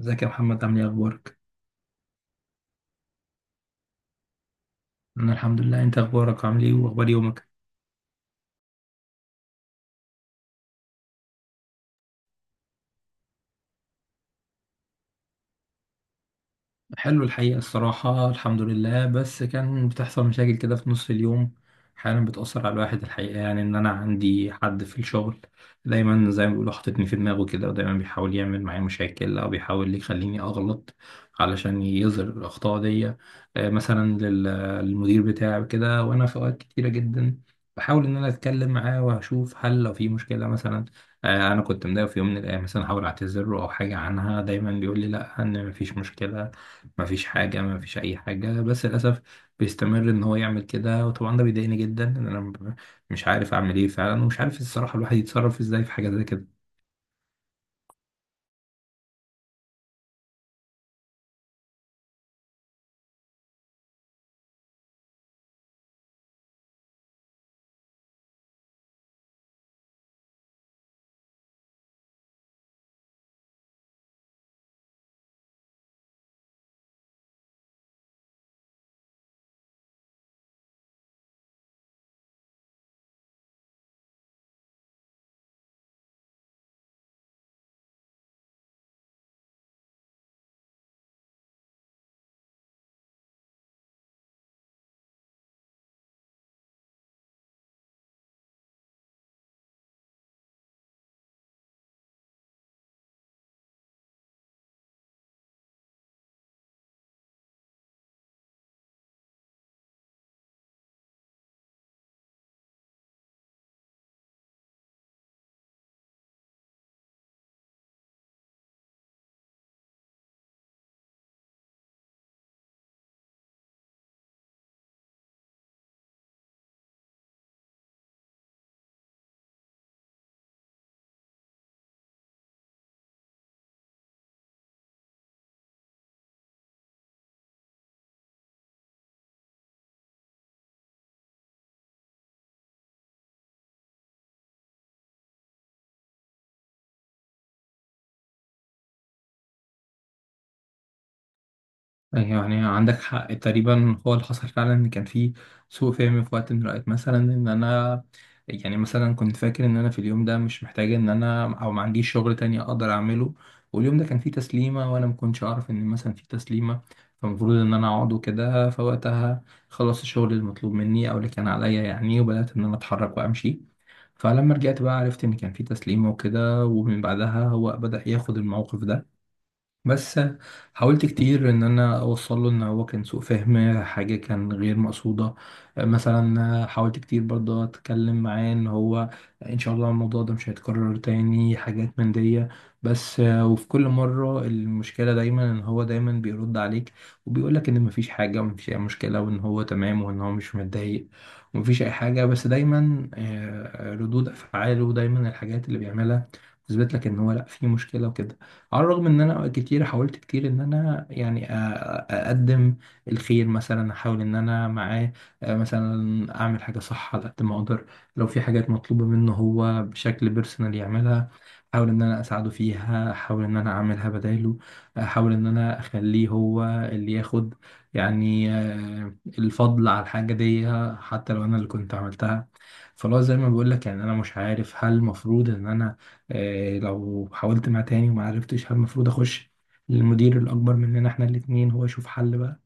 ازيك يا محمد؟ عامل ايه؟ اخبارك؟ انا الحمد لله. انت اخبارك؟ عامل ايه واخبار يومك؟ حلو الحقيقة، الصراحة الحمد لله، بس كان بتحصل مشاكل كده في نص اليوم. أحيانا بتأثر على الواحد، الحقيقة يعني إن أنا عندي حد في الشغل دايما، زي ما بيقولوا، حاططني في دماغه كده، ودايما بيحاول يعمل معايا مشاكل أو بيحاول يخليني أغلط علشان يظهر الأخطاء دي. مثلا للمدير بتاعي كده. وأنا في أوقات كتيرة جدا بحاول إن أنا أتكلم معاه وأشوف هل لو في مشكلة مثلا. أنا كنت مضايق في يوم من الأيام، مثلا أحاول أعتذر له أو حاجة عنها. دايما بيقول لي لأ، إن مفيش مشكلة، مفيش حاجة، مفيش أي حاجة، بس للأسف بيستمر إن هو يعمل كده. وطبعا ده بيضايقني جدا إن أنا مش عارف أعمل إيه فعلا، ومش عارف الصراحة الواحد يتصرف إزاي في حاجة زي كده. يعني عندك حق تقريبا، هو اللي حصل فعلا ان كان في سوء فهم في وقت من الاوقات. مثلا ان انا يعني مثلا كنت فاكر ان انا في اليوم ده مش محتاج ان انا، او ما عنديش شغل تاني اقدر اعمله. واليوم ده كان فيه تسليمه وانا ما كنتش اعرف ان مثلا في تسليمه، فالمفروض ان انا اقعد وكده. فوقتها خلصت الشغل المطلوب مني او اللي كان عليا يعني، وبدات ان انا اتحرك وامشي. فلما رجعت بقى عرفت ان كان في تسليمه وكده، ومن بعدها هو بدا ياخد الموقف ده. بس حاولت كتير ان انا اوصل له ان هو كان سوء فهم، حاجه كان غير مقصوده. مثلا حاولت كتير برضه اتكلم معاه ان هو ان شاء الله الموضوع ده مش هيتكرر تاني، حاجات من دي. بس وفي كل مره المشكله دايما ان هو دايما بيرد عليك وبيقولك ان مفيش حاجه ومفيش اي مشكله، وان هو تمام وان هو مش متضايق ومفيش اي حاجه. بس دايما ردود افعاله دايما الحاجات اللي بيعملها تثبت لك ان هو لا، في مشكله وكده. على الرغم ان انا كتير حاولت كتير ان انا يعني اقدم الخير مثلا. احاول ان انا معاه مثلا اعمل حاجه صح على قد ما اقدر. لو في حاجات مطلوبه منه هو بشكل بيرسونال يعملها، احاول ان انا اساعده فيها، احاول ان انا اعملها بداله. احاول ان انا اخليه هو اللي ياخد يعني الفضل على الحاجه دي حتى لو انا اللي كنت عملتها. فلو زي ما بقول لك، يعني انا مش عارف هل المفروض ان انا لو حاولت مع تاني وما عرفتش هل المفروض اخش للمدير الاكبر مننا احنا الاتنين، هو يشوف حل بقى.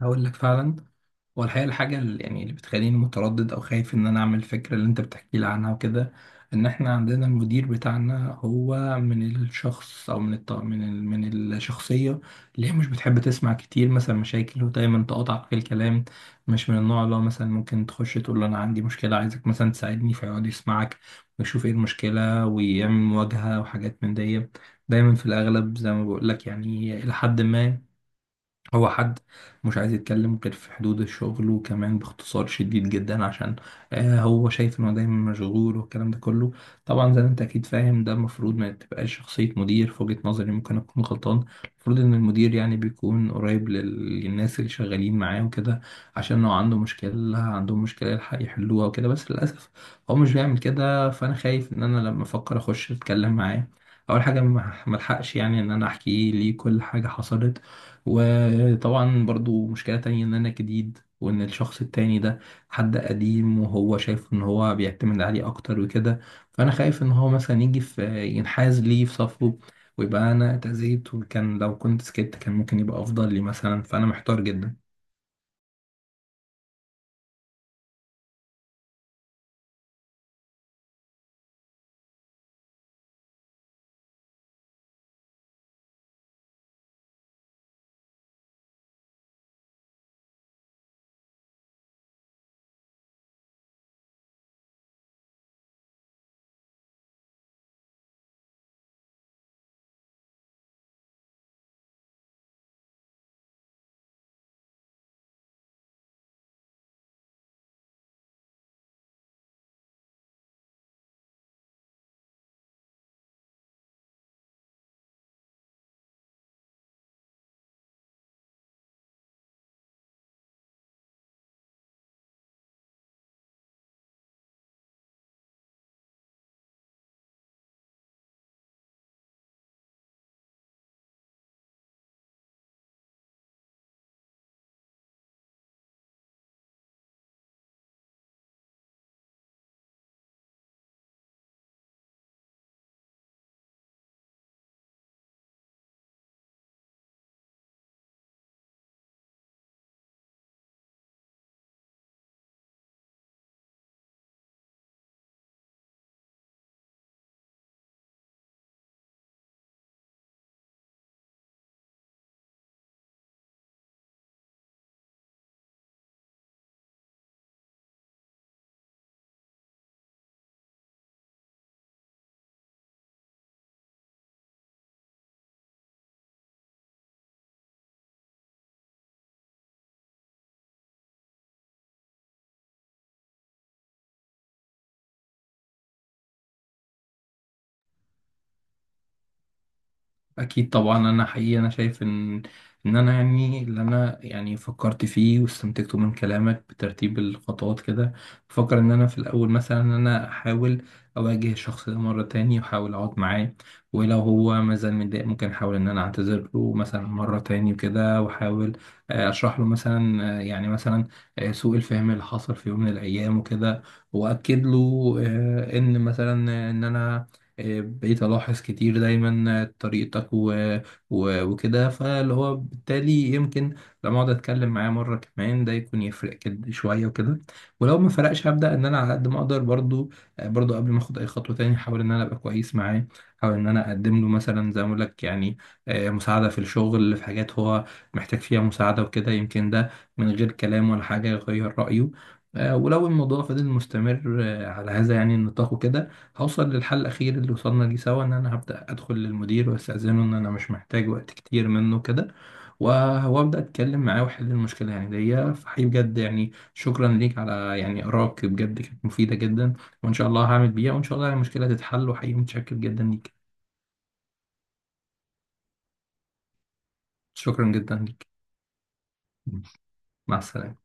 هقول لك فعلا. هو الحقيقة الحاجة اللي يعني اللي بتخليني متردد أو خايف إن أنا أعمل الفكرة اللي أنت بتحكي لي عنها وكده، إن إحنا عندنا المدير بتاعنا هو من الشخص أو من الط... من ال... من الشخصية اللي هي مش بتحب تسمع كتير مثلا مشاكل، ودايما تقاطعك في الكلام. مش من النوع اللي هو مثلا ممكن تخش تقول له أنا عندي مشكلة عايزك مثلا تساعدني فيقعد يسمعك ويشوف إيه المشكلة ويعمل مواجهة وحاجات من دي. دايما في الأغلب زي ما بقول لك، يعني إلى حد ما هو حد مش عايز يتكلم غير في حدود الشغل، وكمان باختصار شديد جدا عشان هو شايف انه دايما مشغول والكلام ده كله. طبعا زي ما انت اكيد فاهم ده المفروض ما تبقاش شخصية مدير، في وجهة نظري، ممكن اكون غلطان. المفروض ان المدير يعني بيكون قريب للناس اللي شغالين معاه وكده، عشان لو عنده مشكلة، عندهم مشكلة، يلحق يحلوها وكده. بس للأسف هو مش بيعمل كده، فانا خايف ان انا لما افكر اخش اتكلم معاه اول حاجه ما الحقش يعني ان انا احكي ليه كل حاجه حصلت. وطبعا برضو مشكلة تانية ان انا جديد، وان الشخص التاني ده حد قديم وهو شايف ان هو بيعتمد عليه اكتر وكده. فانا خايف ان هو مثلا يجي في ينحاز لي في صفه، ويبقى انا اتأذيت، وكان لو كنت سكت كان ممكن يبقى افضل لي مثلا. فانا محتار جدا. اكيد طبعا انا حقيقي انا شايف ان ان انا يعني اللي انا يعني فكرت فيه واستنتجته من كلامك بترتيب الخطوات كده، بفكر ان انا في الاول مثلا ان انا احاول اواجه الشخص ده مره تاني واحاول اقعد معاه. ولو هو مازال متضايق ممكن احاول ان انا اعتذر له مثلا مره تاني كده. واحاول اشرح له مثلا، يعني مثلا سوء الفهم اللي حصل في يوم من الايام وكده. واكد له ان مثلا ان انا بقيت ألاحظ كتير دايما طريقتك وكده، فاللي هو بالتالي يمكن لما أقعد أتكلم معاه مرة كمان ده يكون يفرق كده شوية وكده. ولو ما فرقش هبدأ إن أنا على قد ما أقدر برضو قبل ما أخد أي خطوة تاني أحاول إن أنا أبقى كويس معاه. أحاول إن أنا أقدم له مثلا، زي ما أقول لك، يعني مساعدة في الشغل في حاجات هو محتاج فيها مساعدة وكده. يمكن ده من غير كلام ولا حاجة يغير رأيه. ولو الموضوع فضل مستمر على هذا يعني النطاق وكده، هوصل للحل الأخير اللي وصلنا ليه سوا إن أنا هبدأ أدخل للمدير وأستأذنه إن أنا مش محتاج وقت كتير منه كده، وأبدأ أتكلم معاه وأحل المشكلة يعني دي. فحقيقي بجد يعني شكرا ليك على يعني آرائك، بجد كانت مفيدة جدا. وإن شاء الله هعمل بيها، وإن شاء الله يعني المشكلة تتحل. وحقيقي متشكر جدا ليك. شكرا جدا ليك. مع السلامة.